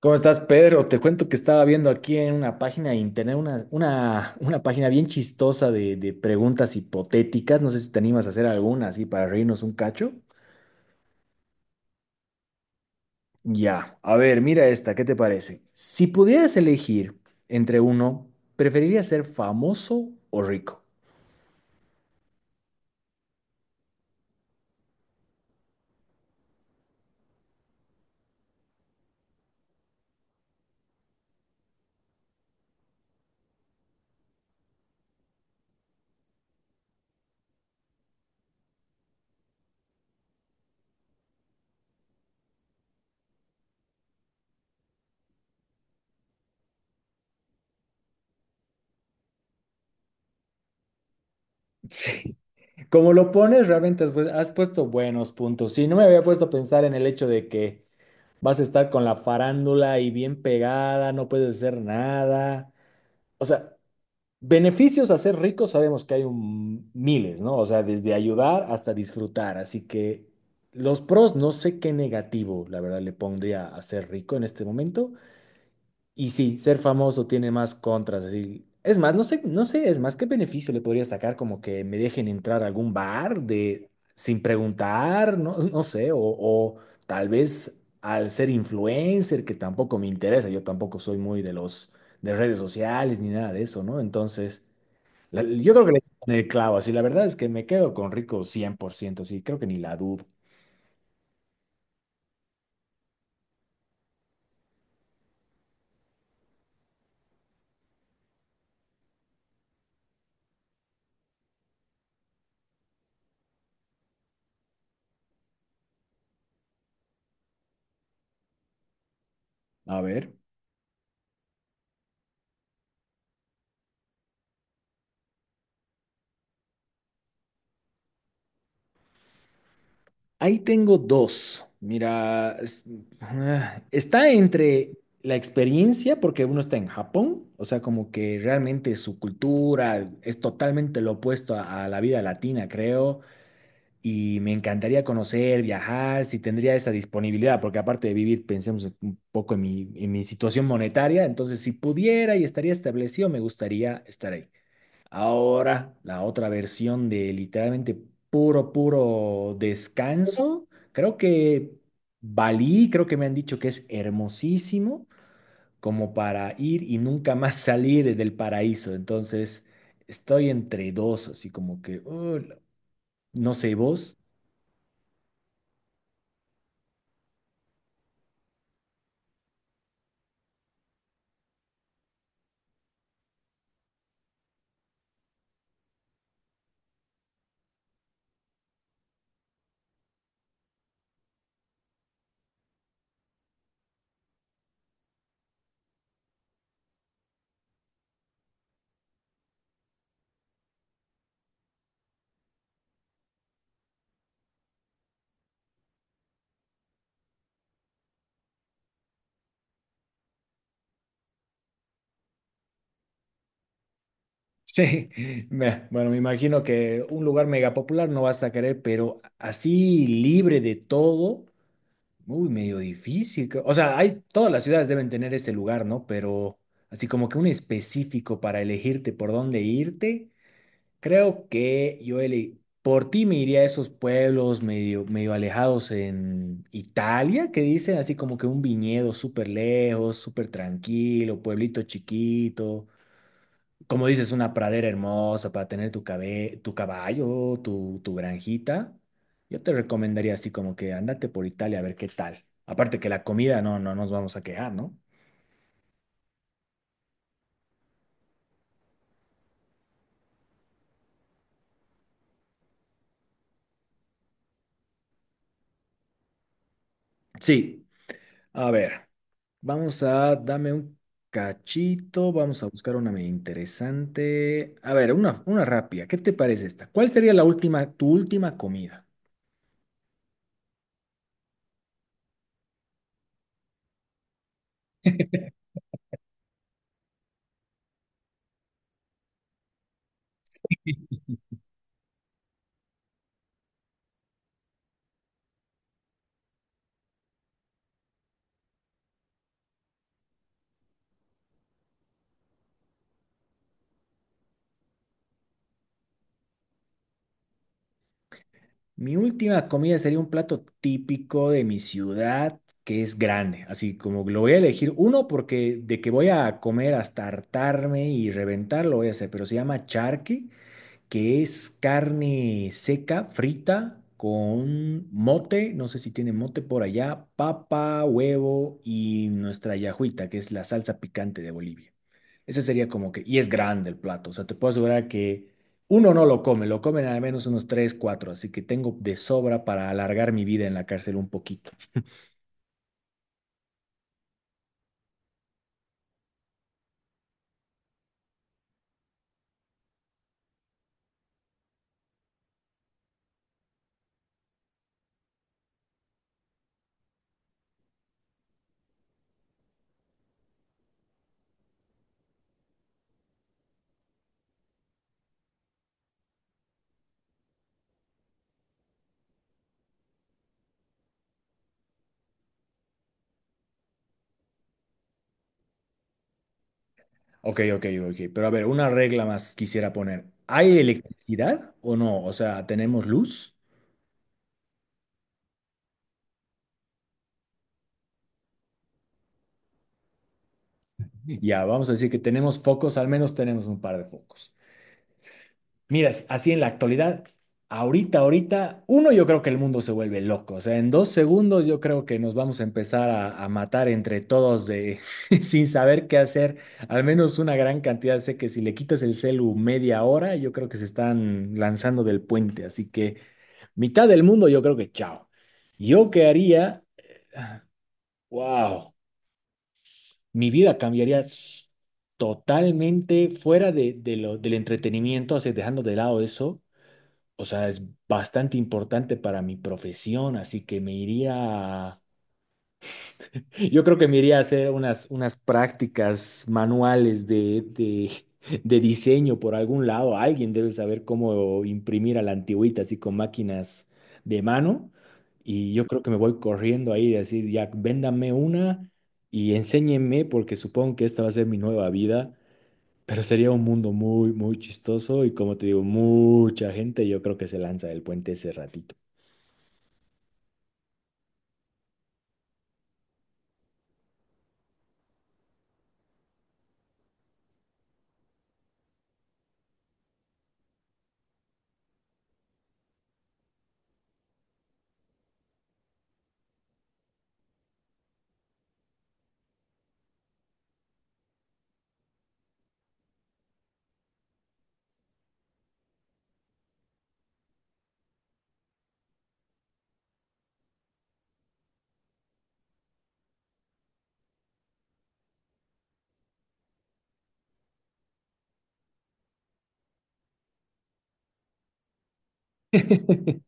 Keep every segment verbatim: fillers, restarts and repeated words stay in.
¿Cómo estás, Pedro? Te cuento que estaba viendo aquí en una página de internet, una, una, una página bien chistosa de, de preguntas hipotéticas. No sé si te animas a hacer alguna así para reírnos un cacho. Ya, a ver, mira esta, ¿qué te parece? Si pudieras elegir entre uno, ¿preferirías ser famoso o rico? Sí, como lo pones, realmente has, pu- has puesto buenos puntos. Sí, no me había puesto a pensar en el hecho de que vas a estar con la farándula y bien pegada, no puedes hacer nada. O sea, beneficios a ser rico sabemos que hay un- miles, ¿no? O sea, desde ayudar hasta disfrutar. Así que los pros, no sé qué negativo, la verdad, le pondría a ser rico en este momento. Y sí, ser famoso tiene más contras, así. Es más, no sé, no sé, es más, ¿qué beneficio le podría sacar como que me dejen entrar a algún bar de sin preguntar? No, no sé, o, o tal vez al ser influencer, que tampoco me interesa, yo tampoco soy muy de los de redes sociales ni nada de eso, ¿no? Entonces. La- yo creo que le dieron el clavo, así la verdad es que me quedo con rico cien por ciento, así creo que ni la dudo. A ver, ahí tengo dos. Mira, es- ah, está entre la experiencia, porque uno está en Japón, o sea, como que realmente su cultura es totalmente lo opuesto a, a la vida latina, creo, y me encantaría conocer, viajar, si tendría esa disponibilidad, porque aparte de vivir, pensemos un poco en mi, en mi situación monetaria, entonces si pudiera y estaría establecido, me gustaría estar ahí. Ahora, la otra versión de literalmente puro, puro descanso. Creo que Bali, creo que me han dicho que es hermosísimo como para ir y nunca más salir del paraíso. Entonces, estoy entre dos, así como que, uh, no sé, vos. Sí, me- bueno, me imagino que un lugar mega popular no vas a querer, pero así libre de todo. Uy, medio difícil, creo. O sea, hay, todas las ciudades deben tener este lugar, ¿no? Pero así como que un específico para elegirte por dónde irte, creo que yo ele- por ti me iría a esos pueblos medio, medio alejados en Italia, que dicen así como que un viñedo súper lejos, súper tranquilo, pueblito chiquito como dices, una pradera hermosa para tener tu cabe- tu caballo, tu, tu granjita, yo te recomendaría así como que andate por Italia a ver qué tal. Aparte que la comida no, no nos vamos a quejar, ¿no? Sí, a ver, vamos a, dame un cachito, vamos a buscar una medio interesante. A ver, una, una rápida, ¿qué te parece esta? ¿Cuál sería la última, tu última comida? Mi última comida sería un plato típico de mi ciudad, que es grande. Así como lo voy a elegir uno porque de que voy a comer hasta hartarme y reventar, lo voy a hacer, pero se llama charqui, que es carne seca, frita, con mote, no sé si tiene mote por allá, papa, huevo y nuestra yajuita, que es la salsa picante de Bolivia. Ese sería como que, y es grande el plato, o sea, te puedo asegurar que uno no lo come, lo comen al menos unos tres, cuatro, así que tengo de sobra para alargar mi vida en la cárcel un poquito. Ok, ok, ok, pero a ver, una regla más quisiera poner. ¿Hay electricidad o no? O sea, ¿tenemos luz? Ya, vamos a decir que tenemos focos, al menos tenemos un par de focos. Miras, así en la actualidad, ahorita, ahorita, uno, yo creo que el mundo se vuelve loco. O sea, en dos segundos yo creo que nos vamos a empezar a, a matar entre todos de, sin saber qué hacer. Al menos una gran cantidad. Sé que si le quitas el celu media hora, yo creo que se están lanzando del puente. Así que mitad del mundo, yo creo que chao. Yo qué haría, wow. Mi vida cambiaría s- totalmente fuera de, de lo, del entretenimiento, así dejando de lado eso. O sea, es bastante importante para mi profesión, así que me iría, yo creo que me iría a hacer unas, unas prácticas manuales de, de, de diseño por algún lado. Alguien debe saber cómo imprimir a la antigüita, así con máquinas de mano. Y yo creo que me voy corriendo ahí y decir, ya, véndame una y enséñenme, porque supongo que esta va a ser mi nueva vida. Pero sería un mundo muy, muy chistoso y como te digo, mucha gente yo creo que se lanza del puente ese ratito.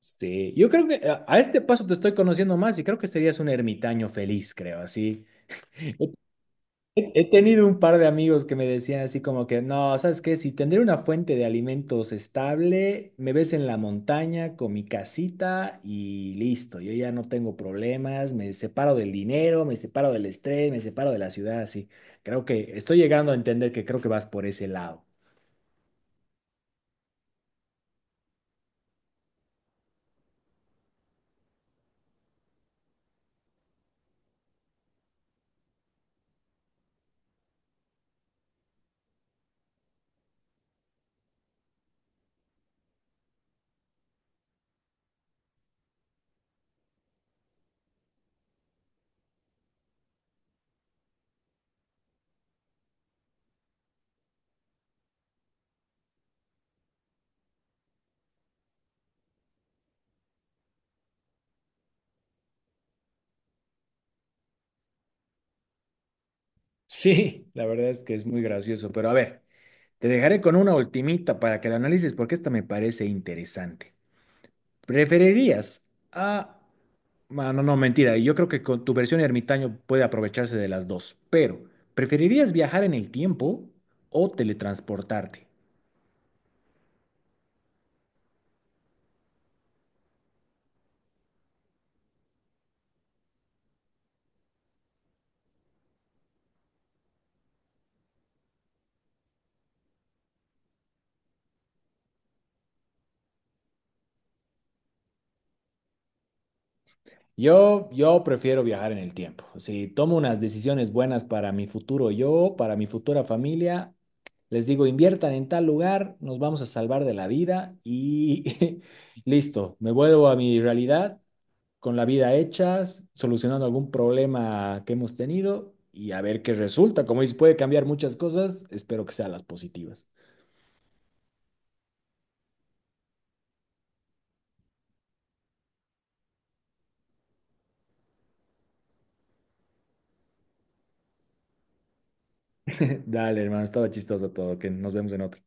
Sí, yo creo que a a este paso te estoy conociendo más y creo que serías un ermitaño feliz, creo, así. He, he- he tenido un par de amigos que me decían así como que, no, ¿sabes qué? Si tendré una fuente de alimentos estable, me ves en la montaña con mi casita y listo, yo ya no tengo problemas, me separo del dinero, me separo del estrés, me separo de la ciudad, así. Creo que estoy llegando a entender que creo que vas por ese lado. Sí, la verdad es que es muy gracioso, pero a ver. Te dejaré con una ultimita para que la analices porque esta me parece interesante. ¿Preferirías a... Ah, no, no, mentira. Yo creo que con tu versión ermitaño puede aprovecharse de las dos, pero ¿preferirías viajar en el tiempo o teletransportarte? Yo, yo prefiero viajar en el tiempo. Si tomo unas decisiones buenas para mi futuro yo, para mi futura familia, les digo, inviertan en tal lugar, nos vamos a salvar de la vida y listo, me vuelvo a mi realidad con la vida hecha, solucionando algún problema que hemos tenido y a ver qué resulta. Como dices, puede cambiar muchas cosas, espero que sean las positivas. Dale, hermano, estaba chistoso todo, que nos vemos en otro